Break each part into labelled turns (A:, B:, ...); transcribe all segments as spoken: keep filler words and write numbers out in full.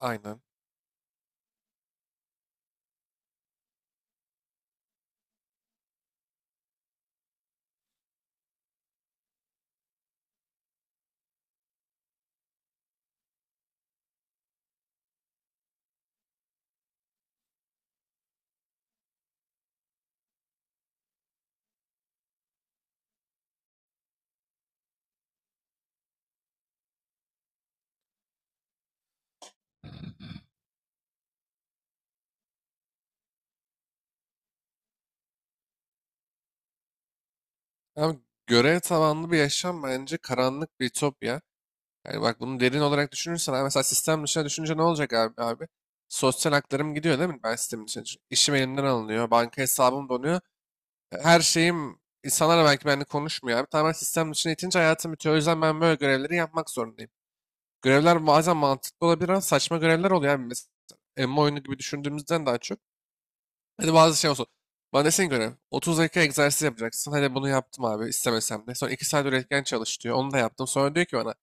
A: Aynen. Abi görev tabanlı bir yaşam bence karanlık bir ütopya. Yani bak bunu derin olarak düşünürsen abi mesela sistem dışına düşünce ne olacak abi, abi? Sosyal haklarım gidiyor değil mi? Ben sistemin dışına düşün- İşim elimden alınıyor. Banka hesabım donuyor. E, Her şeyim insanlar belki benimle konuşmuyor abi. Tamamen sistem dışına itince hayatım bitiyor. O yüzden ben böyle görevleri yapmak zorundayım. Görevler bazen mantıklı olabilir ama saçma görevler oluyor abi. Mesela emmi oyunu gibi düşündüğümüzden daha çok. Hadi bazı şey olsun. Bana desin göre 30 dakika egzersiz yapacaksın. Hadi bunu yaptım abi istemesem de. Sonra iki saat üretken çalış diyor. Onu da yaptım. Sonra diyor ki bana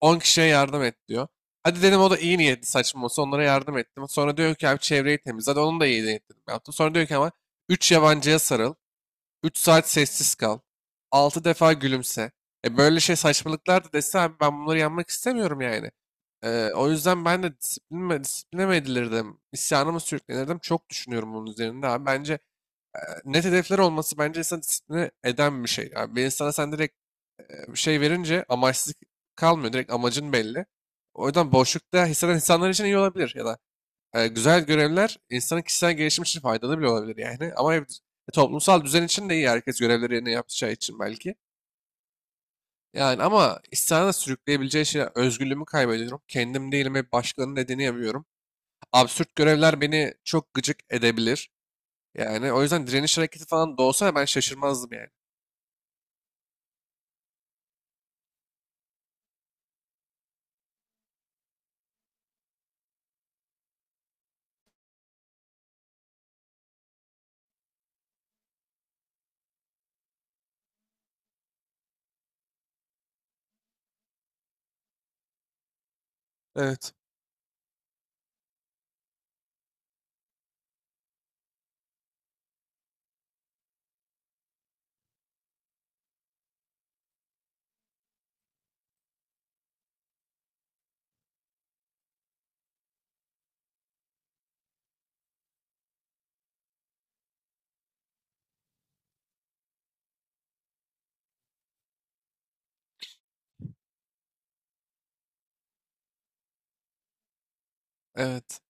A: on kişiye yardım et diyor. Hadi dedim o da iyi niyetli saçma olsa onlara yardım ettim. Sonra diyor ki abi çevreyi temizle. Hadi onun da iyi niyetli yaptım. Sonra diyor ki ama üç yabancıya sarıl. üç saat sessiz kal. altı defa gülümse. E böyle şey saçmalıklar da dese abi ben bunları yanmak istemiyorum yani. Ee, o yüzden ben de disiplinime, disipline mi edilirdim, isyanımı sürüklenirdim. Çok düşünüyorum bunun üzerinde abi. Bence e, net hedefler olması bence insanı disipline eden bir şey. Yani bir insana sen direkt e, bir şey verince amaçsız kalmıyor. Direkt amacın belli. O yüzden boşlukta hisseden insanlar için iyi olabilir. Ya da e, güzel görevler insanın kişisel gelişimi için faydalı bile olabilir yani. Ama e, toplumsal düzen için de iyi. Herkes görevleri yerine yapacağı için belki. Yani ama isyana sürükleyebileceği şey özgürlüğümü kaybediyorum. Kendim değilim ve başkalarının dediğini yapıyorum. Absürt görevler beni çok gıcık edebilir. Yani o yüzden direniş hareketi falan da olsa ben şaşırmazdım yani. Evet. Evet.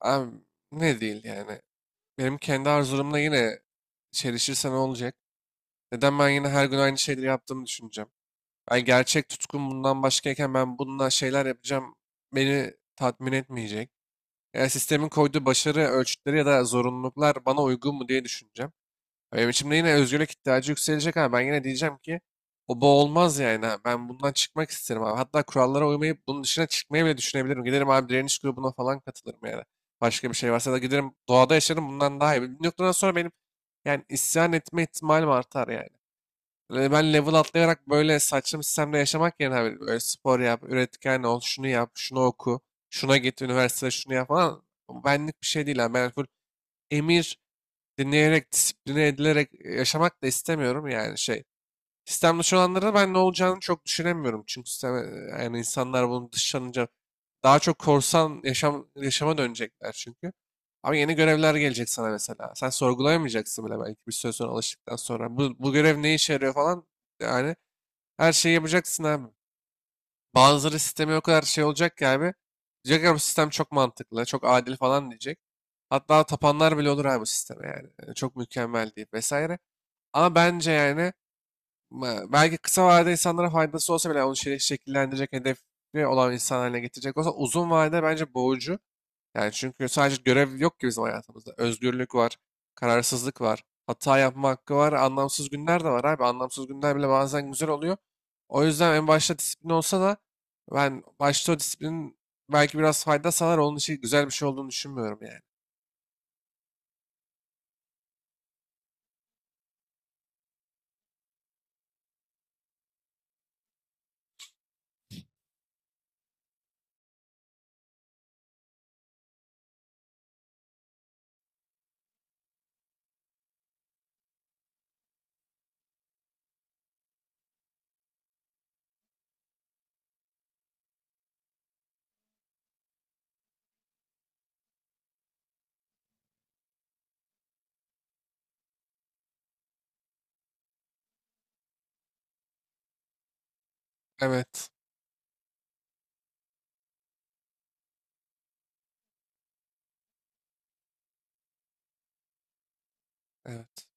A: Abi ne değil yani. Benim kendi arzumla yine çelişirse ne olacak? Neden ben yine her gün aynı şeyleri yaptığımı düşüneceğim? Ben gerçek tutkum bundan başkayken ben bununla şeyler yapacağım beni tatmin etmeyecek. Yani sistemin koyduğu başarı ölçütleri ya da zorunluluklar bana uygun mu diye düşüneceğim. Benim içimde yine özgürlük ihtiyacı yükselecek ama ben yine diyeceğim ki o bu olmaz yani. Ha. Ben bundan çıkmak isterim abi. Hatta kurallara uymayıp bunun dışına çıkmayı bile düşünebilirim. Giderim abi direniş grubuna falan katılırım yani. Başka bir şey varsa da giderim doğada yaşarım bundan daha iyi. Bir noktadan sonra benim yani isyan etme ihtimalim artar yani. Yani Ben level atlayarak böyle saçma sistemde yaşamak yerine abi böyle spor yap, üretken ol, şunu yap, şunu oku, şuna git, üniversitede şunu yap falan. Bu Benlik bir şey değil abi. Ben full emir dinleyerek, disipline edilerek e, yaşamak da istemiyorum yani şey. Sistem dışı olanlara ben ne olacağını çok düşünemiyorum. Çünkü sistem, yani insanlar bunu dışlanınca daha çok korsan yaşam, yaşama dönecekler çünkü. Ama yeni görevler gelecek sana mesela. Sen sorgulayamayacaksın bile belki bir süre sonra alıştıktan sonra. Bu, bu görev ne işe yarıyor falan. Yani her şeyi yapacaksın abi. Bazıları sistemi o kadar şey olacak ki abi. Diyecek ya bu sistem çok mantıklı, çok adil falan diyecek. Hatta tapanlar bile olur abi bu sisteme yani. Yani Çok mükemmel deyip vesaire. Ama bence yani ma- belki kısa vadede insanlara faydası olsa bile yani onu şe- şekillendirecek, hedefi olan insan haline getirecek olsa uzun vadede bence boğucu. Yani çünkü sadece görev yok ki bizim hayatımızda. Özgürlük var, kararsızlık var, hata yapma hakkı var, anlamsız günler de var abi. Anlamsız günler bile bazen güzel oluyor. O yüzden en başta disiplin olsa da ben başta o disiplinin belki biraz fayda sağlar. Onun için güzel bir şey olduğunu düşünmüyorum yani. Evet, evet.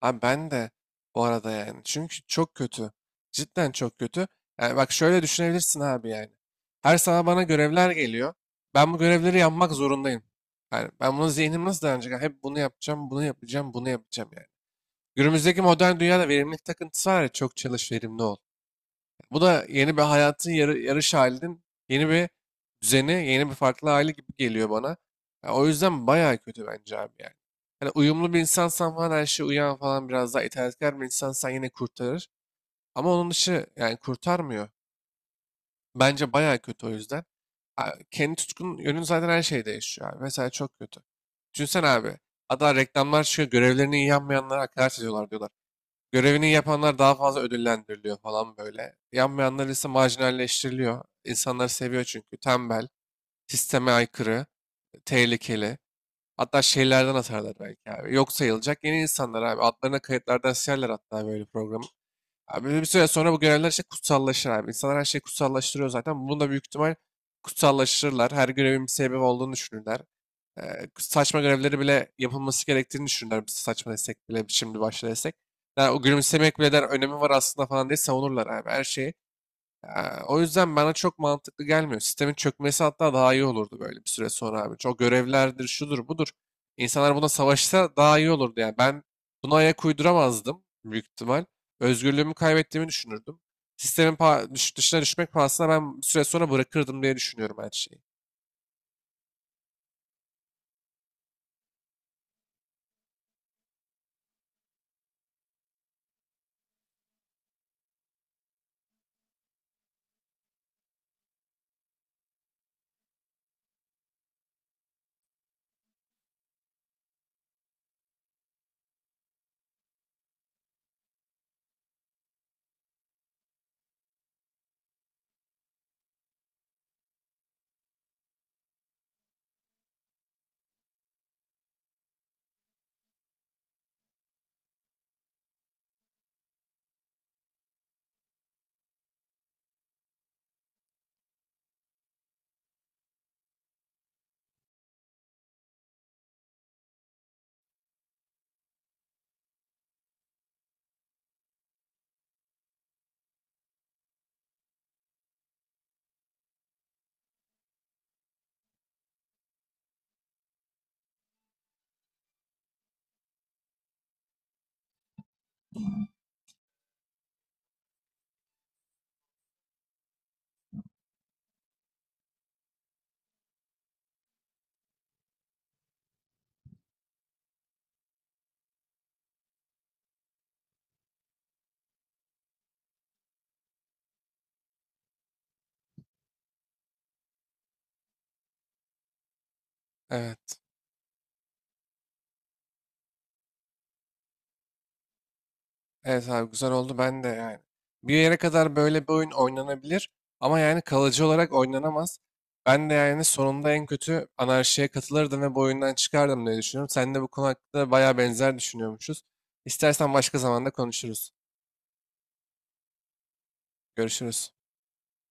A: Abi ben de bu arada yani. Çünkü çok kötü. Cidden çok kötü. Yani bak şöyle düşünebilirsin abi yani. Her sabah bana görevler geliyor. Ben bu görevleri yapmak zorundayım. Yani ben bunu zihnim nasıl dayanacak? Yani Hep bunu yapacağım, bunu yapacağım, bunu yapacağım yani. Günümüzdeki modern dünyada verimlilik takıntısı var ya çok çalış verimli ol. Bu da yeni bir hayatın yarı- yarış halinin yeni bir düzeni, yeni bir farklı hali gibi geliyor bana. Ya o yüzden bayağı kötü bence abi yani. Hani uyumlu bir insansan falan her şeye uyan falan biraz daha itaatkar bir insansan yine kurtarır. Ama onun dışı yani kurtarmıyor. Bence bayağı kötü o yüzden. A- Kendi tutkun yönün zaten her şeyde yaşıyor abi. Mesela çok kötü. Düşünsene abi. Hatta reklamlar çıkıyor. Görevlerini iyi yapmayanlara hakaret ediyorlar diyorlar. Görevini yapanlar daha fazla ödüllendiriliyor falan böyle. Yapmayanlar ise marjinalleştiriliyor. İnsanlar seviyor çünkü. Tembel, sisteme aykırı, tehlikeli. Hatta şeylerden atarlar belki abi. Yok sayılacak yeni insanlar abi. Adlarına kayıtlardan silerler hatta böyle programı. Abi bir süre sonra bu görevler işte kutsallaşır abi. İnsanlar her şeyi kutsallaştırıyor zaten. Bunu da büyük ihtimal kutsallaştırırlar. Her görevin bir sebebi olduğunu düşünürler. Eee, saçma görevleri bile yapılması gerektiğini düşünürler. Biz saçma desek bile şimdi başla desek. Yani o gülümsemek bile der önemi var aslında falan diye savunurlar abi her şeyi. Ee, O yüzden bana çok mantıklı gelmiyor. Sistemin çökmesi hatta daha iyi olurdu böyle bir süre sonra abi. Çok görevlerdir, şudur, budur. İnsanlar buna savaşsa daha iyi olurdu yani. Ben buna ayak uyduramazdım büyük ihtimal. Özgürlüğümü kaybettiğimi düşünürdüm. Sistemin pa- düş- dışına düşmek pahasına ben bir süre sonra bırakırdım diye düşünüyorum her şeyi. Evet. Evet abi güzel oldu ben de yani. Bir yere kadar böyle bir oyun oynanabilir ama yani kalıcı olarak oynanamaz. Ben de yani sonunda en kötü anarşiye katılırdım ve bu oyundan çıkardım diye düşünüyorum. Sen de bu konu hakkında bayağı benzer düşünüyormuşuz. İstersen başka zamanda konuşuruz. Görüşürüz.